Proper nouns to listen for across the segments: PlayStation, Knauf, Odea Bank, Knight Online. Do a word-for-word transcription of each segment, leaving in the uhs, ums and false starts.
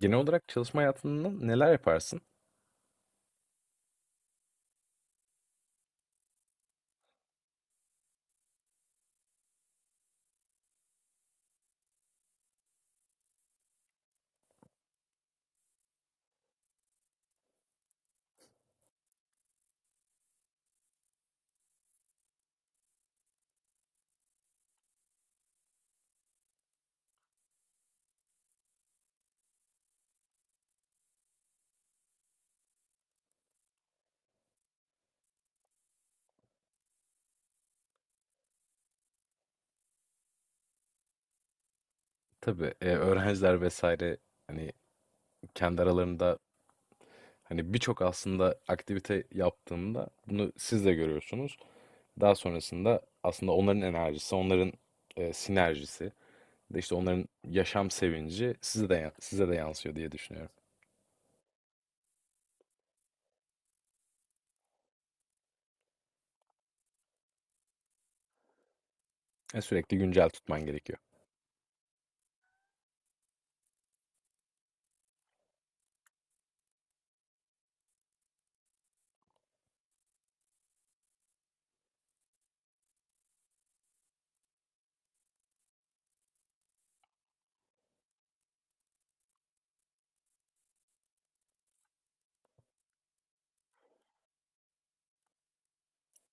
Genel olarak çalışma hayatında neler yaparsın? Tabii, eee, öğrenciler vesaire, hani, kendi aralarında, hani, birçok aslında aktivite yaptığında bunu siz de görüyorsunuz. Daha sonrasında aslında onların enerjisi, onların, eee, sinerjisi de, işte, onların yaşam sevinci size de ya size de yansıyor diye düşünüyorum. E, sürekli güncel tutman gerekiyor.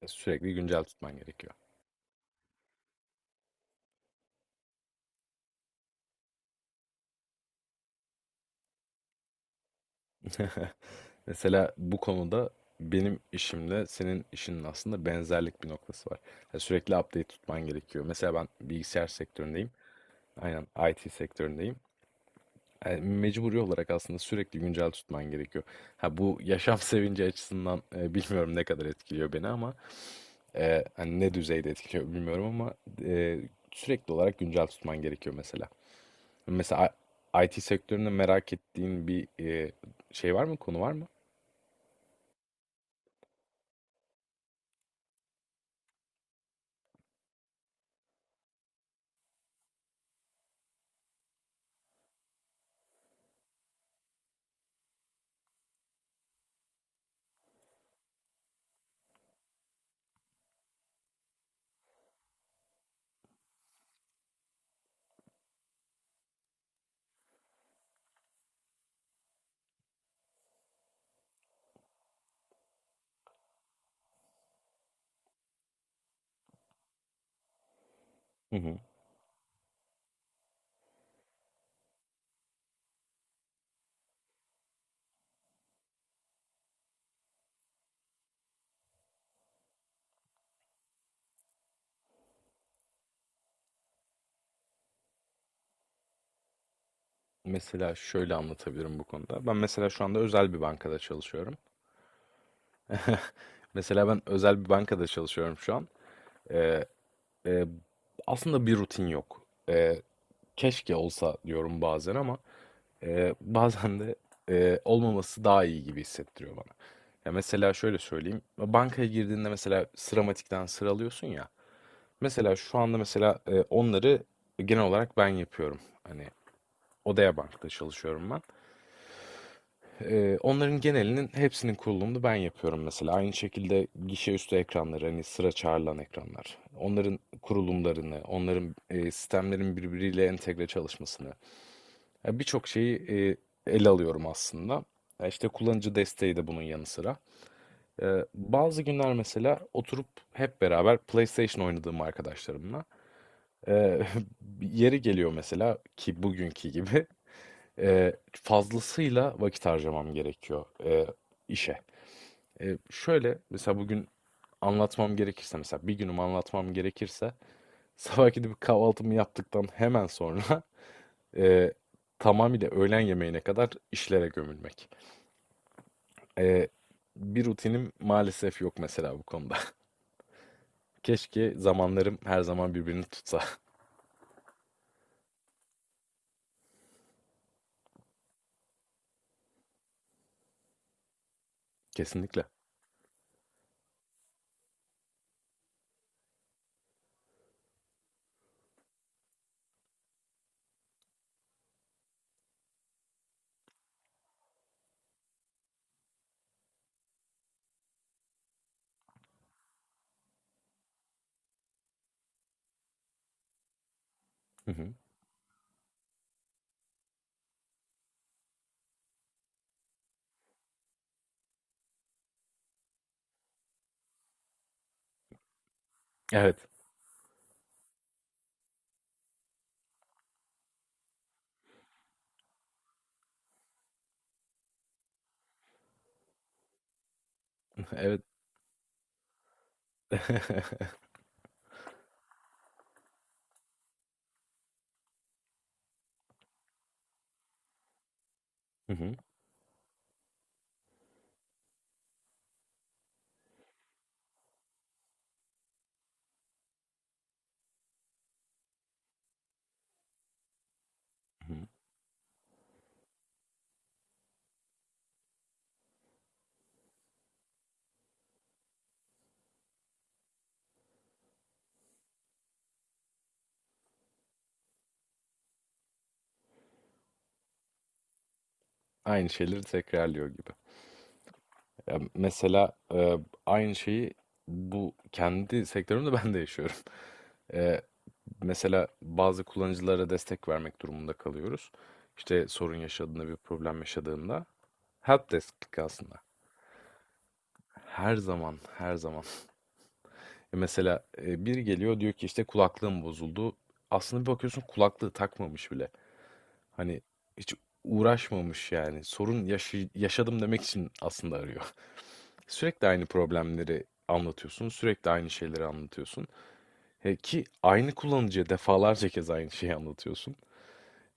E, sürekli güncel tutman gerekiyor. Mesela bu konuda benim işimle senin işinin aslında benzerlik bir noktası var. Yani sürekli update tutman gerekiyor. Mesela ben bilgisayar sektöründeyim. Aynen I T sektöründeyim. Yani mecburi olarak aslında sürekli güncel tutman gerekiyor. Ha bu yaşam sevinci açısından e, bilmiyorum ne kadar etkiliyor beni ama e, hani ne düzeyde etkiliyor bilmiyorum ama e, sürekli olarak güncel tutman gerekiyor mesela. Mesela I- IT sektöründe merak ettiğin bir e, şey var mı? Konu var mı? Hı hı. Mesela şöyle anlatabilirim bu konuda. Ben mesela şu anda özel bir bankada çalışıyorum. Mesela ben özel bir bankada çalışıyorum şu an. Ee, e, Aslında bir rutin yok. Ee, Keşke olsa diyorum bazen ama e, bazen de e, olmaması daha iyi gibi hissettiriyor bana. Ya mesela şöyle söyleyeyim. Bankaya girdiğinde mesela sıramatikten sıralıyorsun ya. Mesela şu anda mesela e, onları genel olarak ben yapıyorum. Hani Odea Bank'ta çalışıyorum ben. Eee, onların genelinin hepsinin kurulumunu ben yapıyorum mesela. Aynı şekilde gişe üstü ekranları, hani sıra çağrılan ekranlar. Onların kurulumlarını, onların eee, sistemlerin birbiriyle entegre çalışmasını. Yani birçok şeyi eee, ele alıyorum aslında. Ya İşte kullanıcı desteği de bunun yanı sıra. Eee, bazı günler mesela oturup hep beraber PlayStation oynadığım arkadaşlarımla. eee, yeri geliyor mesela ki bugünkü gibi eee, fazlasıyla vakit harcamam gerekiyor eee, işe. E, şöyle mesela bugün anlatmam gerekirse mesela bir günümü anlatmam gerekirse sabah gidip kahvaltımı yaptıktan hemen sonra e, tamamıyla öğlen yemeğine kadar işlere gömülmek. E, Bir rutinim maalesef yok mesela bu konuda. Keşke zamanlarım her zaman birbirini tutsa. Kesinlikle. Hı hı. Evet. Evet. Hı hı. Hı hı. Aynı şeyleri tekrarlıyor gibi. Ya mesela e, aynı şeyi bu kendi sektörümde ben de yaşıyorum. E, Mesela bazı kullanıcılara destek vermek durumunda kalıyoruz. İşte sorun yaşadığında, bir problem yaşadığında helpdesk aslında. Her zaman, her zaman. E, mesela e, biri geliyor diyor ki işte kulaklığım bozuldu. Aslında bir bakıyorsun kulaklığı takmamış bile. Hani hiç uğraşmamış yani. Sorun yaşı- yaşadım demek için aslında arıyor. Sürekli aynı problemleri anlatıyorsun, sürekli aynı şeyleri anlatıyorsun. E, ki aynı kullanıcıya defalarca kez aynı şeyi anlatıyorsun.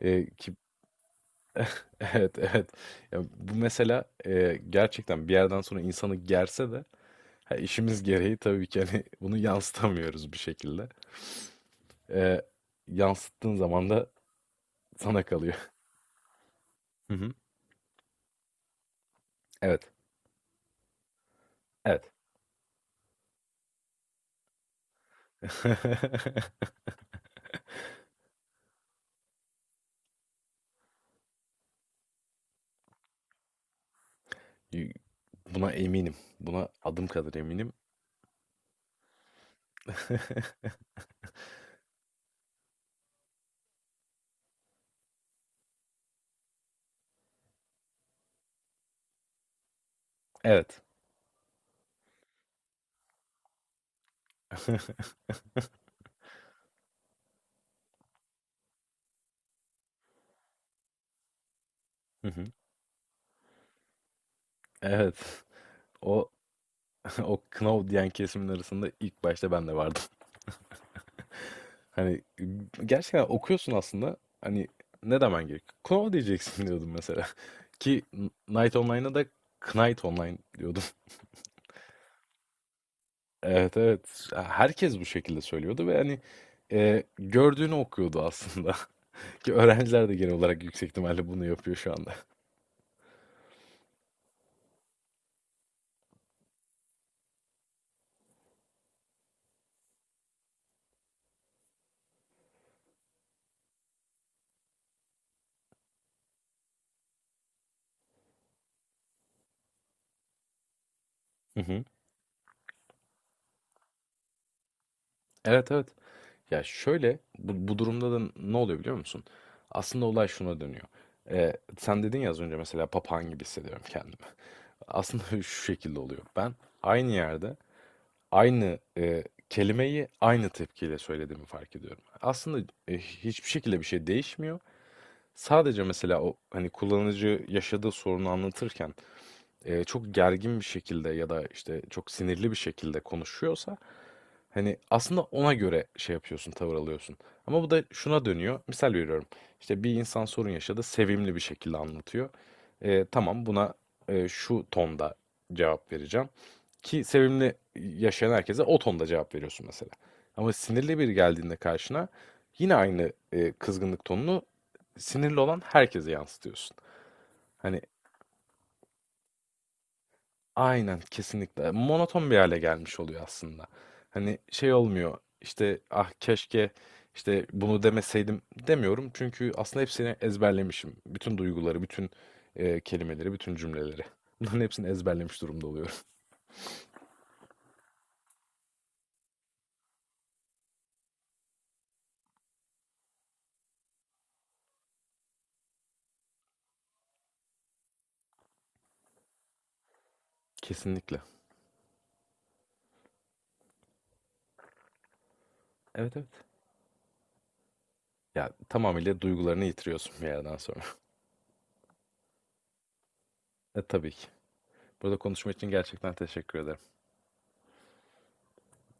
E, ki evet, evet. Ya bu mesela e, gerçekten bir yerden sonra insanı gerse de ha, işimiz gereği tabii ki hani bunu yansıtamıyoruz bir şekilde. E, Yansıttığın zaman da sana kalıyor. Hı hı. Evet. Evet. Y- Buna eminim. Buna adım kadar eminim. Evet. Hı hı. Evet. O o Knauf diyen kesimin arasında ilk başta ben de vardım. Hani ıı, gerçekten okuyorsun aslında. Hani ne demen gerek? Knauf diyeceksin diyordum mesela. Ki Night Online'a da Knight Online diyordum. Evet, evet. Herkes bu şekilde söylüyordu ve hani e, gördüğünü okuyordu aslında. Ki öğrenciler de genel olarak yüksek ihtimalle bunu yapıyor şu anda. Hı hı. Evet, evet. Ya şöyle bu, bu durumda da ne oluyor biliyor musun? Aslında olay şuna dönüyor. Ee, sen dedin ya az önce mesela papağan gibi hissediyorum kendimi. Aslında şu şekilde oluyor. Ben aynı yerde aynı e, kelimeyi aynı tepkiyle söylediğimi fark ediyorum. Aslında e, hiçbir şekilde bir şey değişmiyor. Sadece mesela o hani kullanıcı yaşadığı sorunu anlatırken e, çok gergin bir şekilde ya da işte çok sinirli bir şekilde konuşuyorsa hani aslında ona göre şey yapıyorsun, tavır alıyorsun. Ama bu da şuna dönüyor. Misal veriyorum. İşte bir insan sorun yaşadı, sevimli bir şekilde anlatıyor. Ee, tamam, buna e, şu tonda cevap vereceğim. Ki sevimli yaşayan herkese o tonda cevap veriyorsun mesela. Ama sinirli biri geldiğinde karşına yine aynı e, kızgınlık tonunu sinirli olan herkese yansıtıyorsun. Hani aynen, kesinlikle. Monoton bir hale gelmiş oluyor aslında. Hani şey olmuyor işte, ah keşke işte bunu demeseydim demiyorum. Çünkü aslında hepsini ezberlemişim. Bütün duyguları, bütün e, kelimeleri, bütün cümleleri. Bunların hepsini ezberlemiş durumda oluyorum. Kesinlikle. Evet, evet. Ya tamamıyla duygularını yitiriyorsun bir yerden sonra. E, tabii ki. Burada konuşma için gerçekten teşekkür ederim.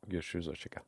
Görüşürüz, hoşça kal.